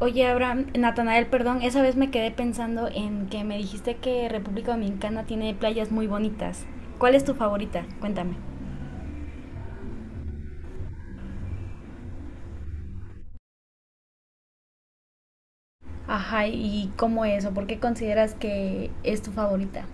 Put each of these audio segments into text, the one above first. Oye, Abraham, Natanael, perdón, esa vez me quedé pensando en que me dijiste que República Dominicana tiene playas muy bonitas. ¿Cuál es tu favorita? Cuéntame. Ajá, ¿y cómo es o por qué consideras que es tu favorita?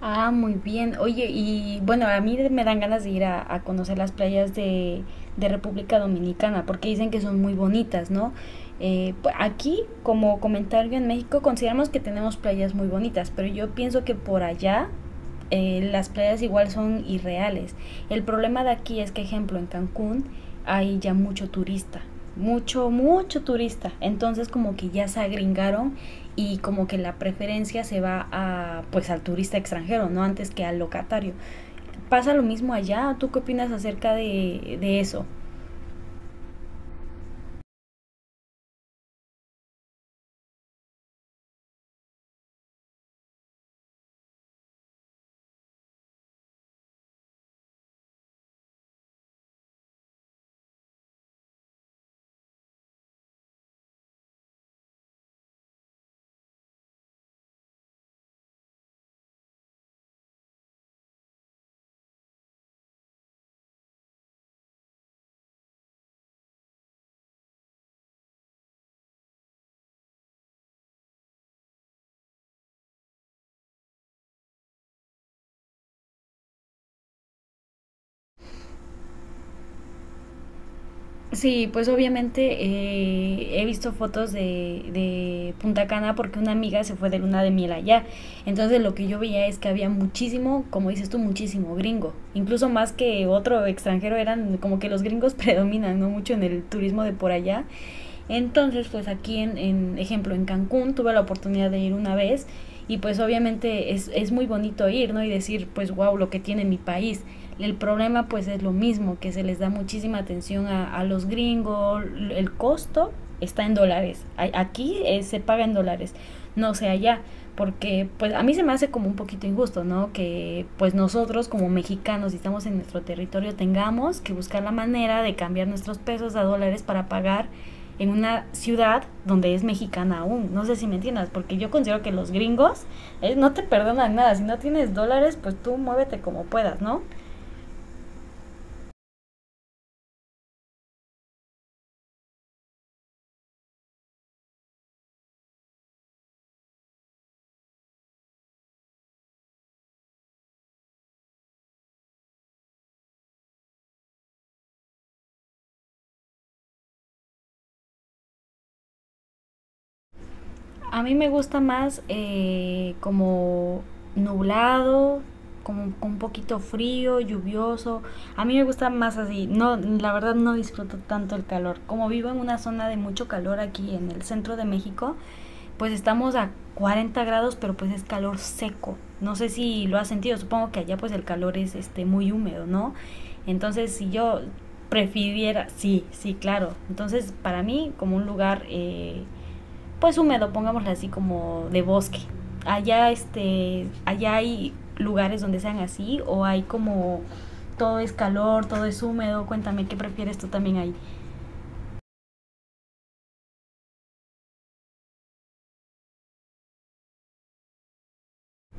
Ah, muy bien. Oye, y bueno, a mí me dan ganas de ir a conocer las playas de República Dominicana, porque dicen que son muy bonitas, ¿no? Aquí, como comentario en México, consideramos que tenemos playas muy bonitas, pero yo pienso que por allá las playas igual son irreales. El problema de aquí es que, ejemplo, en Cancún hay ya mucho turista, mucho turista. Entonces como que ya se agringaron y como que la preferencia se va a, pues al turista extranjero, no antes que al locatario. ¿Pasa lo mismo allá? ¿Tú qué opinas acerca de eso? Sí, pues obviamente he visto fotos de Punta Cana porque una amiga se fue de luna de miel allá. Entonces lo que yo veía es que había muchísimo, como dices tú, muchísimo gringo. Incluso más que otro extranjero eran como que los gringos predominan, ¿no? Mucho en el turismo de por allá. Entonces, pues aquí en ejemplo, en Cancún tuve la oportunidad de ir una vez y pues obviamente es muy bonito ir, ¿no? Y decir, pues wow, lo que tiene mi país. El problema pues es lo mismo, que se les da muchísima atención a los gringos, el costo está en dólares, aquí se paga en dólares, no sé allá, porque pues a mí se me hace como un poquito injusto, ¿no? Que pues nosotros como mexicanos, si estamos en nuestro territorio, tengamos que buscar la manera de cambiar nuestros pesos a dólares para pagar en una ciudad donde es mexicana aún. No sé si me entiendas, porque yo considero que los gringos no te perdonan nada. Si no tienes dólares, pues tú muévete como puedas, ¿no? A mí me gusta más como nublado, como un poquito frío, lluvioso. A mí me gusta más así. No, la verdad no disfruto tanto el calor. Como vivo en una zona de mucho calor aquí en el centro de México, pues estamos a 40 grados, pero pues es calor seco. No sé si lo has sentido, supongo que allá pues el calor es este muy húmedo, ¿no? Entonces, si yo prefiriera, sí, sí, claro. Entonces, para mí como un lugar pues húmedo, pongámoslo así como de bosque. Allá este allá hay lugares donde sean así o hay como todo es calor, todo es húmedo. Cuéntame qué prefieres tú también ahí.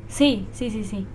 Sí, sí, sí, sí.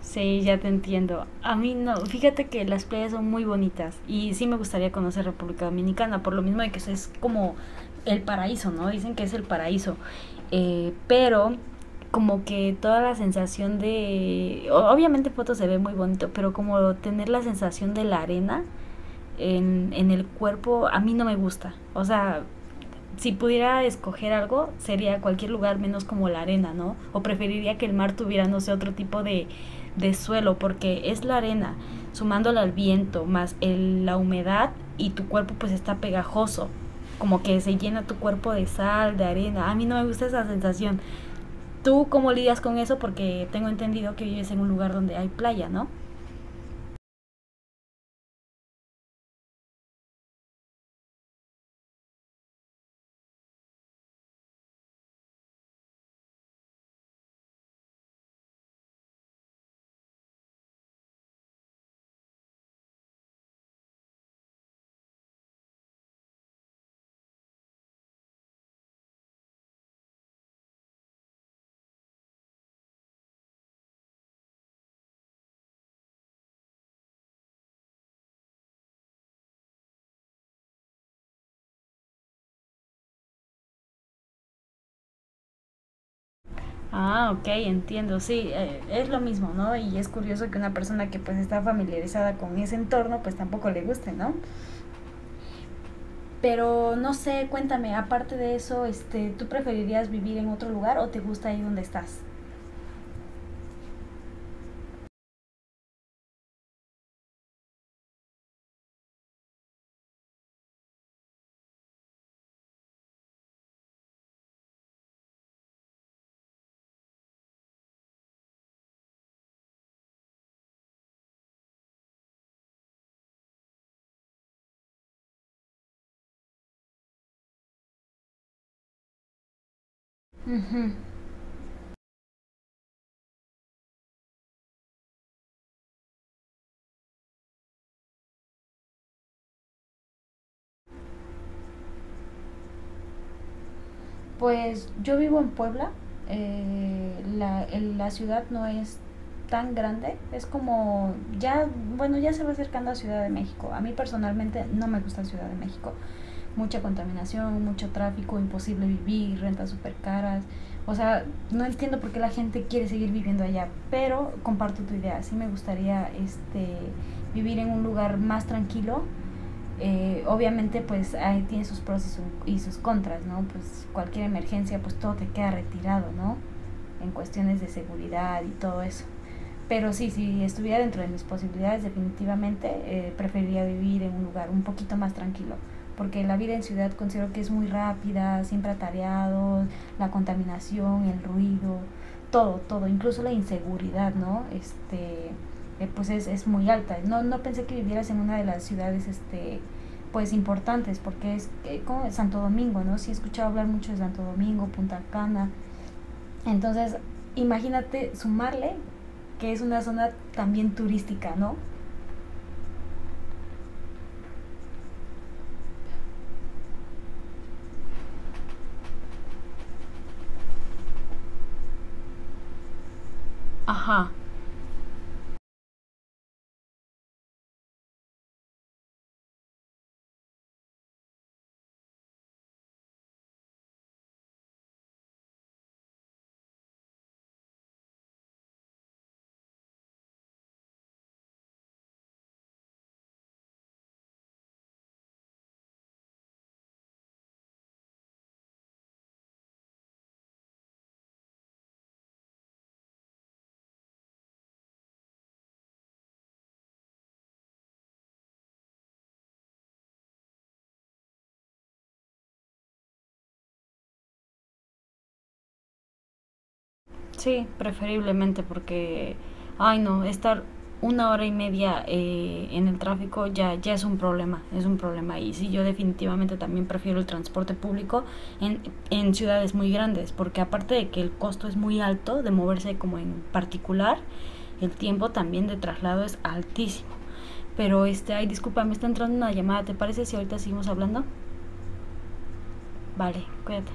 Sí, ya te entiendo. A mí no, fíjate que las playas son muy bonitas y sí me gustaría conocer República Dominicana, por lo mismo de que es como el paraíso, ¿no? Dicen que es el paraíso. Pero como que toda la sensación de obviamente fotos se ve muy bonito, pero como tener la sensación de la arena en el cuerpo, a mí no me gusta. O sea, si pudiera escoger algo, sería cualquier lugar menos como la arena, ¿no? O preferiría que el mar tuviera, no sé, otro tipo de suelo, porque es la arena, sumándola al viento, más la humedad y tu cuerpo pues está pegajoso, como que se llena tu cuerpo de sal, de arena. A mí no me gusta esa sensación. ¿Tú cómo lidias con eso? Porque tengo entendido que vives en un lugar donde hay playa, ¿no? Ah, ok, entiendo, sí, es lo mismo, ¿no? Y es curioso que una persona que pues está familiarizada con ese entorno pues tampoco le guste, ¿no? Pero no sé, cuéntame, aparte de eso, este, ¿tú preferirías vivir en otro lugar o te gusta ahí donde estás? Ujú. Pues yo vivo en Puebla, la ciudad no es tan grande, es como ya, bueno, ya se va acercando a Ciudad de México. A mí personalmente no me gusta Ciudad de México. Mucha contaminación, mucho tráfico, imposible vivir, rentas súper caras. O sea, no entiendo por qué la gente quiere seguir viviendo allá, pero comparto tu idea. Sí me gustaría este, vivir en un lugar más tranquilo. Obviamente, pues ahí tiene sus pros y sus contras, ¿no? Pues cualquier emergencia, pues todo te queda retirado, ¿no? En cuestiones de seguridad y todo eso. Pero sí, si estuviera dentro de mis posibilidades, definitivamente preferiría vivir en un lugar un poquito más tranquilo. Porque la vida en ciudad considero que es muy rápida, siempre atareados, la contaminación, el ruido, todo, incluso la inseguridad, ¿no? Pues es muy alta. No pensé que vivieras en una de las ciudades, este, pues importantes, porque es como Santo Domingo, ¿no? Sí he escuchado hablar mucho de Santo Domingo, Punta Cana, entonces, imagínate sumarle que es una zona también turística, ¿no? Ah, sí, preferiblemente porque, ay no, estar 1 hora y media en el tráfico ya, ya es un problema, es un problema. Y sí, yo definitivamente también prefiero el transporte público en, en ciudades muy grandes, porque aparte de que el costo es muy alto de moverse como en particular, el tiempo también de traslado es altísimo. Pero este, ay, disculpa, me está entrando una llamada, ¿te parece si ahorita seguimos hablando? Vale, cuídate.